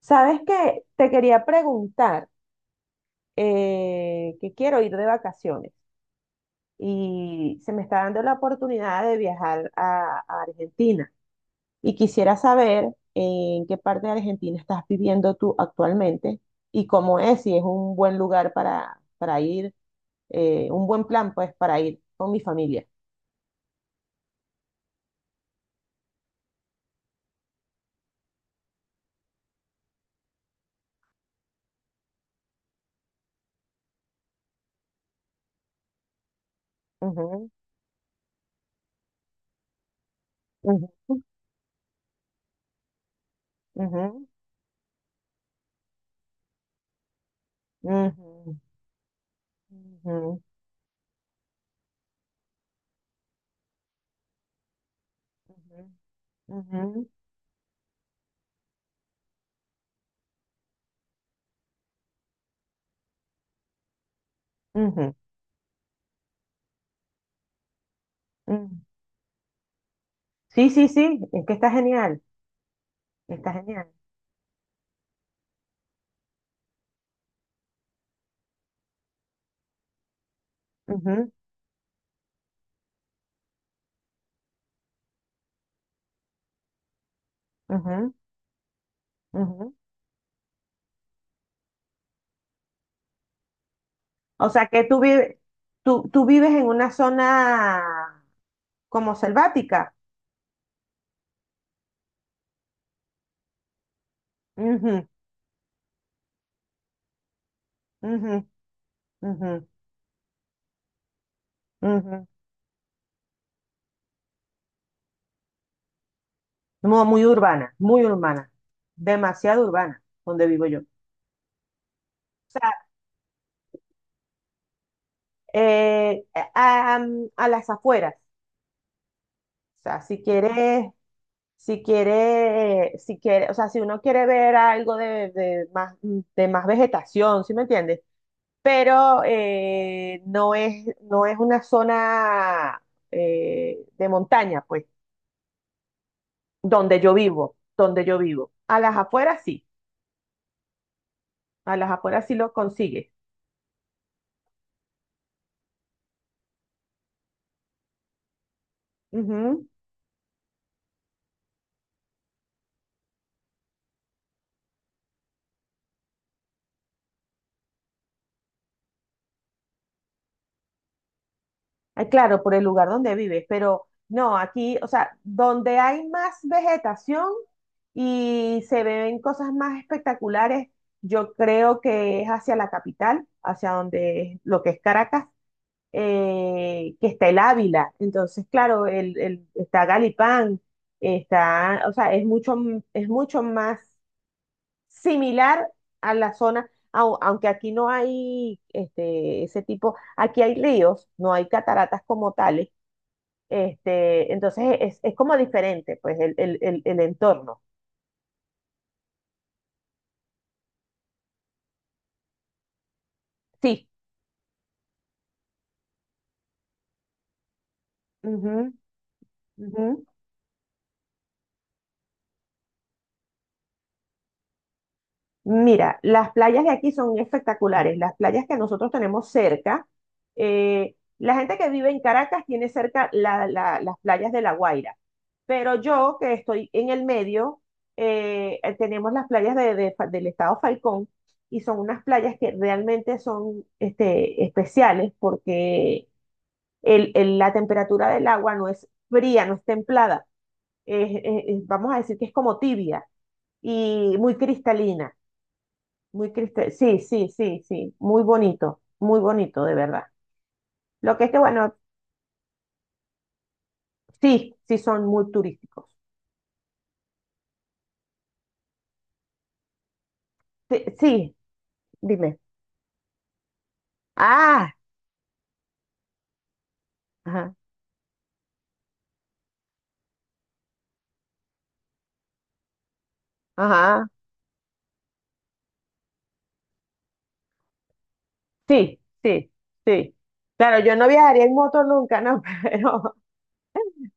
Sabes que te quería preguntar que quiero ir de vacaciones y se me está dando la oportunidad de viajar a Argentina y quisiera saber en qué parte de Argentina estás viviendo tú actualmente y cómo es, si es un buen lugar para ir, un buen plan pues para ir con mi familia. Ujú, ujú, ujú, ujú, ujú, ujú, ujú, ujú. Sí, sí, sí, es que está genial, está genial. Ujú, ujú, ujú. O sea que tú vives, tú vives en una zona como selvática. Ujú, ujú. Ujú, ujú. No, muy urbana, demasiado urbana donde vivo yo. O sea, eh, a, a- a las afueras. O sea, si quiere, o sea, si uno quiere ver algo de más vegetación, ¿sí me entiendes? Pero no es, no es una zona de montaña, pues, donde yo vivo, donde yo vivo. A las afueras sí, a las afueras sí lo consigues. Ah, claro, por el lugar donde vives, pero no, aquí, o sea, donde hay más vegetación y se ven cosas más espectaculares, yo creo que es hacia la capital, hacia lo que es Caracas, que está el Ávila. Entonces, claro, está Galipán, está, o sea, es mucho, es mucho más similar a la zona, aunque aquí no hay este, ese tipo, aquí hay ríos, no hay cataratas como tales este, entonces es como diferente, pues, el entorno. Sí. Ujú, ujú. Mira, las playas de aquí son espectaculares. Las playas que nosotros tenemos cerca, la gente que vive en Caracas tiene cerca las playas de La Guaira, pero yo que estoy en el medio, tenemos las playas del estado Falcón y son unas playas que realmente son este, especiales porque la temperatura del agua no es fría, no es templada, vamos a decir que es como tibia y muy cristalina, muy cristal, sí, sí, sí, sí, muy bonito, de verdad. Lo que es que, bueno, sí, sí son muy turísticos. Sí, sí, dime. Ah, ajá, ajá, sí, sí, sí. Claro, yo no viajaría en moto nunca, ¿no?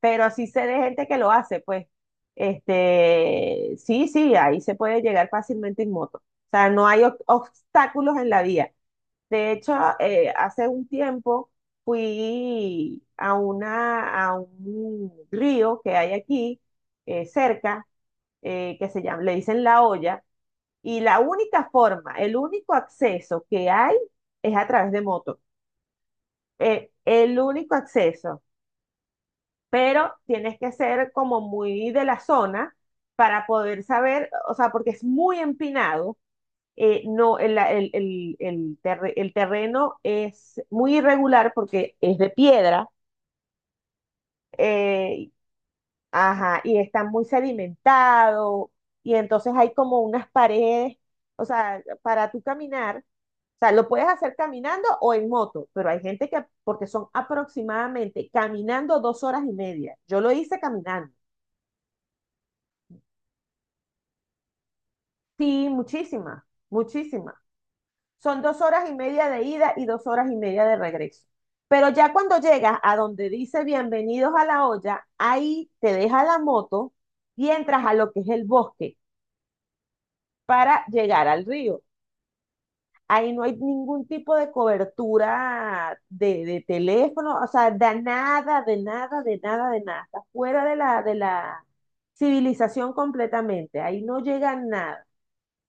pero sí sé de gente que lo hace, pues, este, sí, sí, ahí se puede llegar fácilmente en moto. O sea, no hay obstáculos en la vía. De hecho, hace un tiempo fui a una, a un río que hay aquí, cerca, que se llama, le dicen La Olla, y la única forma, el único acceso que hay es a través de moto. El único acceso pero tienes que ser como muy de la zona para poder saber, o sea, porque es muy empinado, no, el terreno es muy irregular porque es de piedra, eh, ajá, y está muy sedimentado, y entonces hay como unas paredes, o sea, para tú caminar. O sea, lo puedes hacer caminando o en moto, pero hay gente que, porque son aproximadamente caminando 2 horas y media. Yo lo hice caminando. Sí, muchísima, muchísima. Son 2 horas y media de ida y 2 horas y media de regreso. Pero ya cuando llegas a donde dice bienvenidos a la olla, ahí te deja la moto y entras a lo que es el bosque para llegar al río. Ahí no hay ningún tipo de cobertura de teléfono, o sea, de nada, de nada, de nada, de nada. Está fuera de de la civilización completamente. Ahí no llega nada.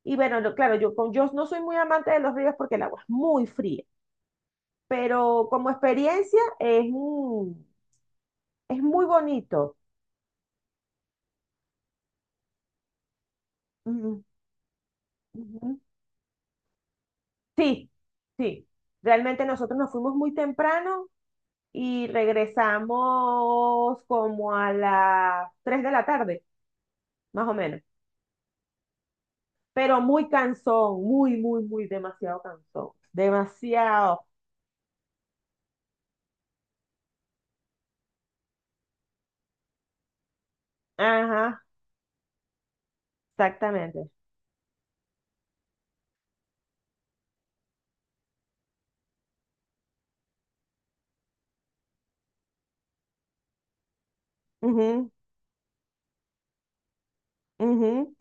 Y bueno, claro, yo, con, yo no soy muy amante de los ríos porque el agua es muy fría, pero como experiencia es, es muy bonito. Ujú, ujú. Sí, sí. Realmente nosotros nos fuimos muy temprano y regresamos como a las 3 de la tarde, más o menos. Pero muy cansón, muy, muy, muy demasiado cansón. Demasiado. Ajá, exactamente. Ujú, ujú,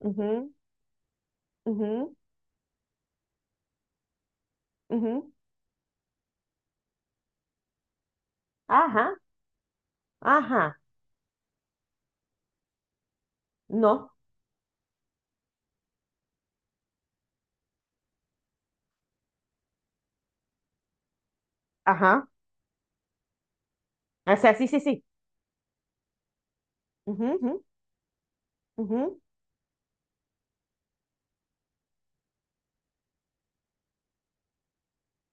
ujú, ujú, ujú. Ajá. Ajá, no, ajá. O sea, sí, sí, sí. Ujú, ujú,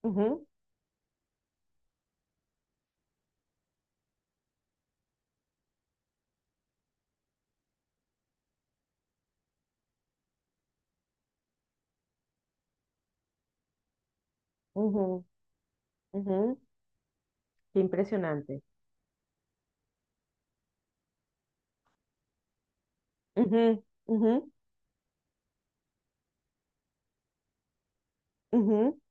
ujú, ujú, ujú, ujú. Qué impresionante. Ujú, ujú, ujú.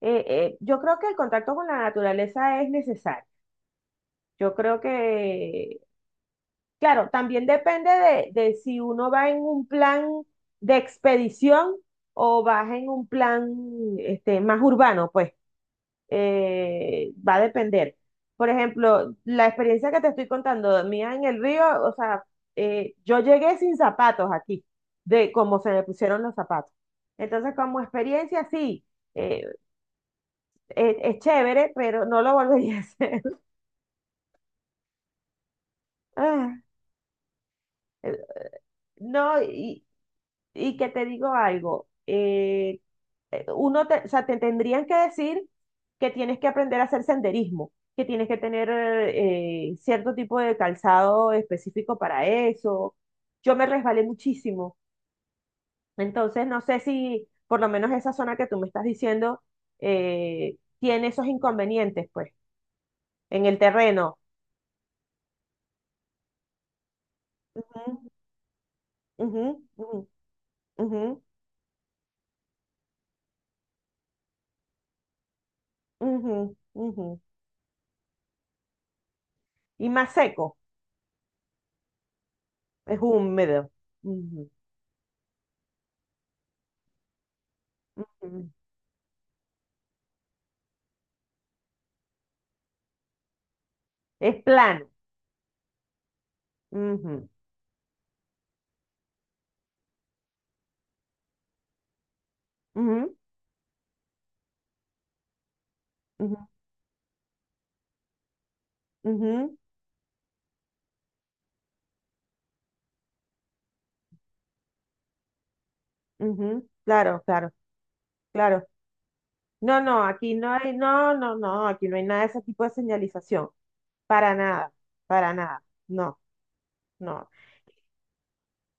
Yo creo que el contacto con la naturaleza es necesario. Yo creo que, claro, también depende de si uno va en un plan de expedición o vas en un plan este, más urbano, pues. Va a depender. Por ejemplo, la experiencia que te estoy contando mía en el río, o sea, yo llegué sin zapatos aquí, de cómo se me pusieron los zapatos. Entonces, como experiencia, sí, eh, es chévere, pero no lo volvería a hacer. Ah, eh, no, y que te digo algo, uno te, o sea, te tendrían que decir que tienes que aprender a hacer senderismo, que tienes que tener cierto tipo de calzado específico para eso. Yo me resbalé muchísimo, entonces no sé si por lo menos esa zona que tú me estás diciendo tiene esos inconvenientes, pues, en el terreno. Ujú, ujú, ujú, ujú, ujú, ujú. Y más seco, es húmedo. Ujú, ujú. Es plano. Ujú, ujú, ujú. Ujú, ujú, claro, claro, claro. No, no, aquí no hay, no, no, no, aquí no hay nada de ese tipo de señalización. Para nada, para nada. No, no.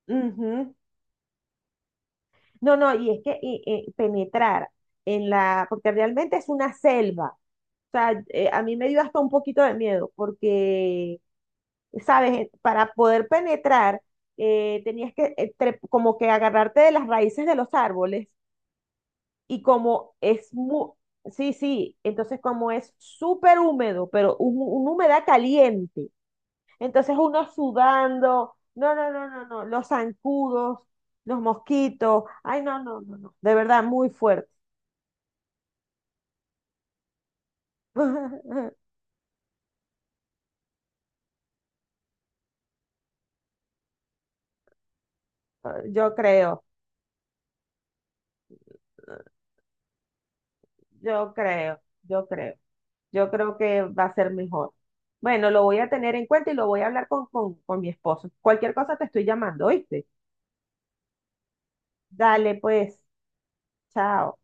Ujú. No, no, y es que y penetrar en la, porque realmente es una selva. O sea, a mí me dio hasta un poquito de miedo, porque, ¿sabes? Para poder penetrar, tenías que como que agarrarte de las raíces de los árboles. Y como es muy, sí, sí, entonces como es súper húmedo, pero un, una humedad caliente, entonces uno sudando, no, no, no, no, no, los zancudos, los mosquitos, ay, no, no, no, no, de verdad, muy fuerte. Yo creo, yo creo, yo creo, yo creo que va a ser mejor. Bueno, lo voy a tener en cuenta y lo voy a hablar con mi esposo. Cualquier cosa te estoy llamando, ¿oíste? Dale, pues, chao.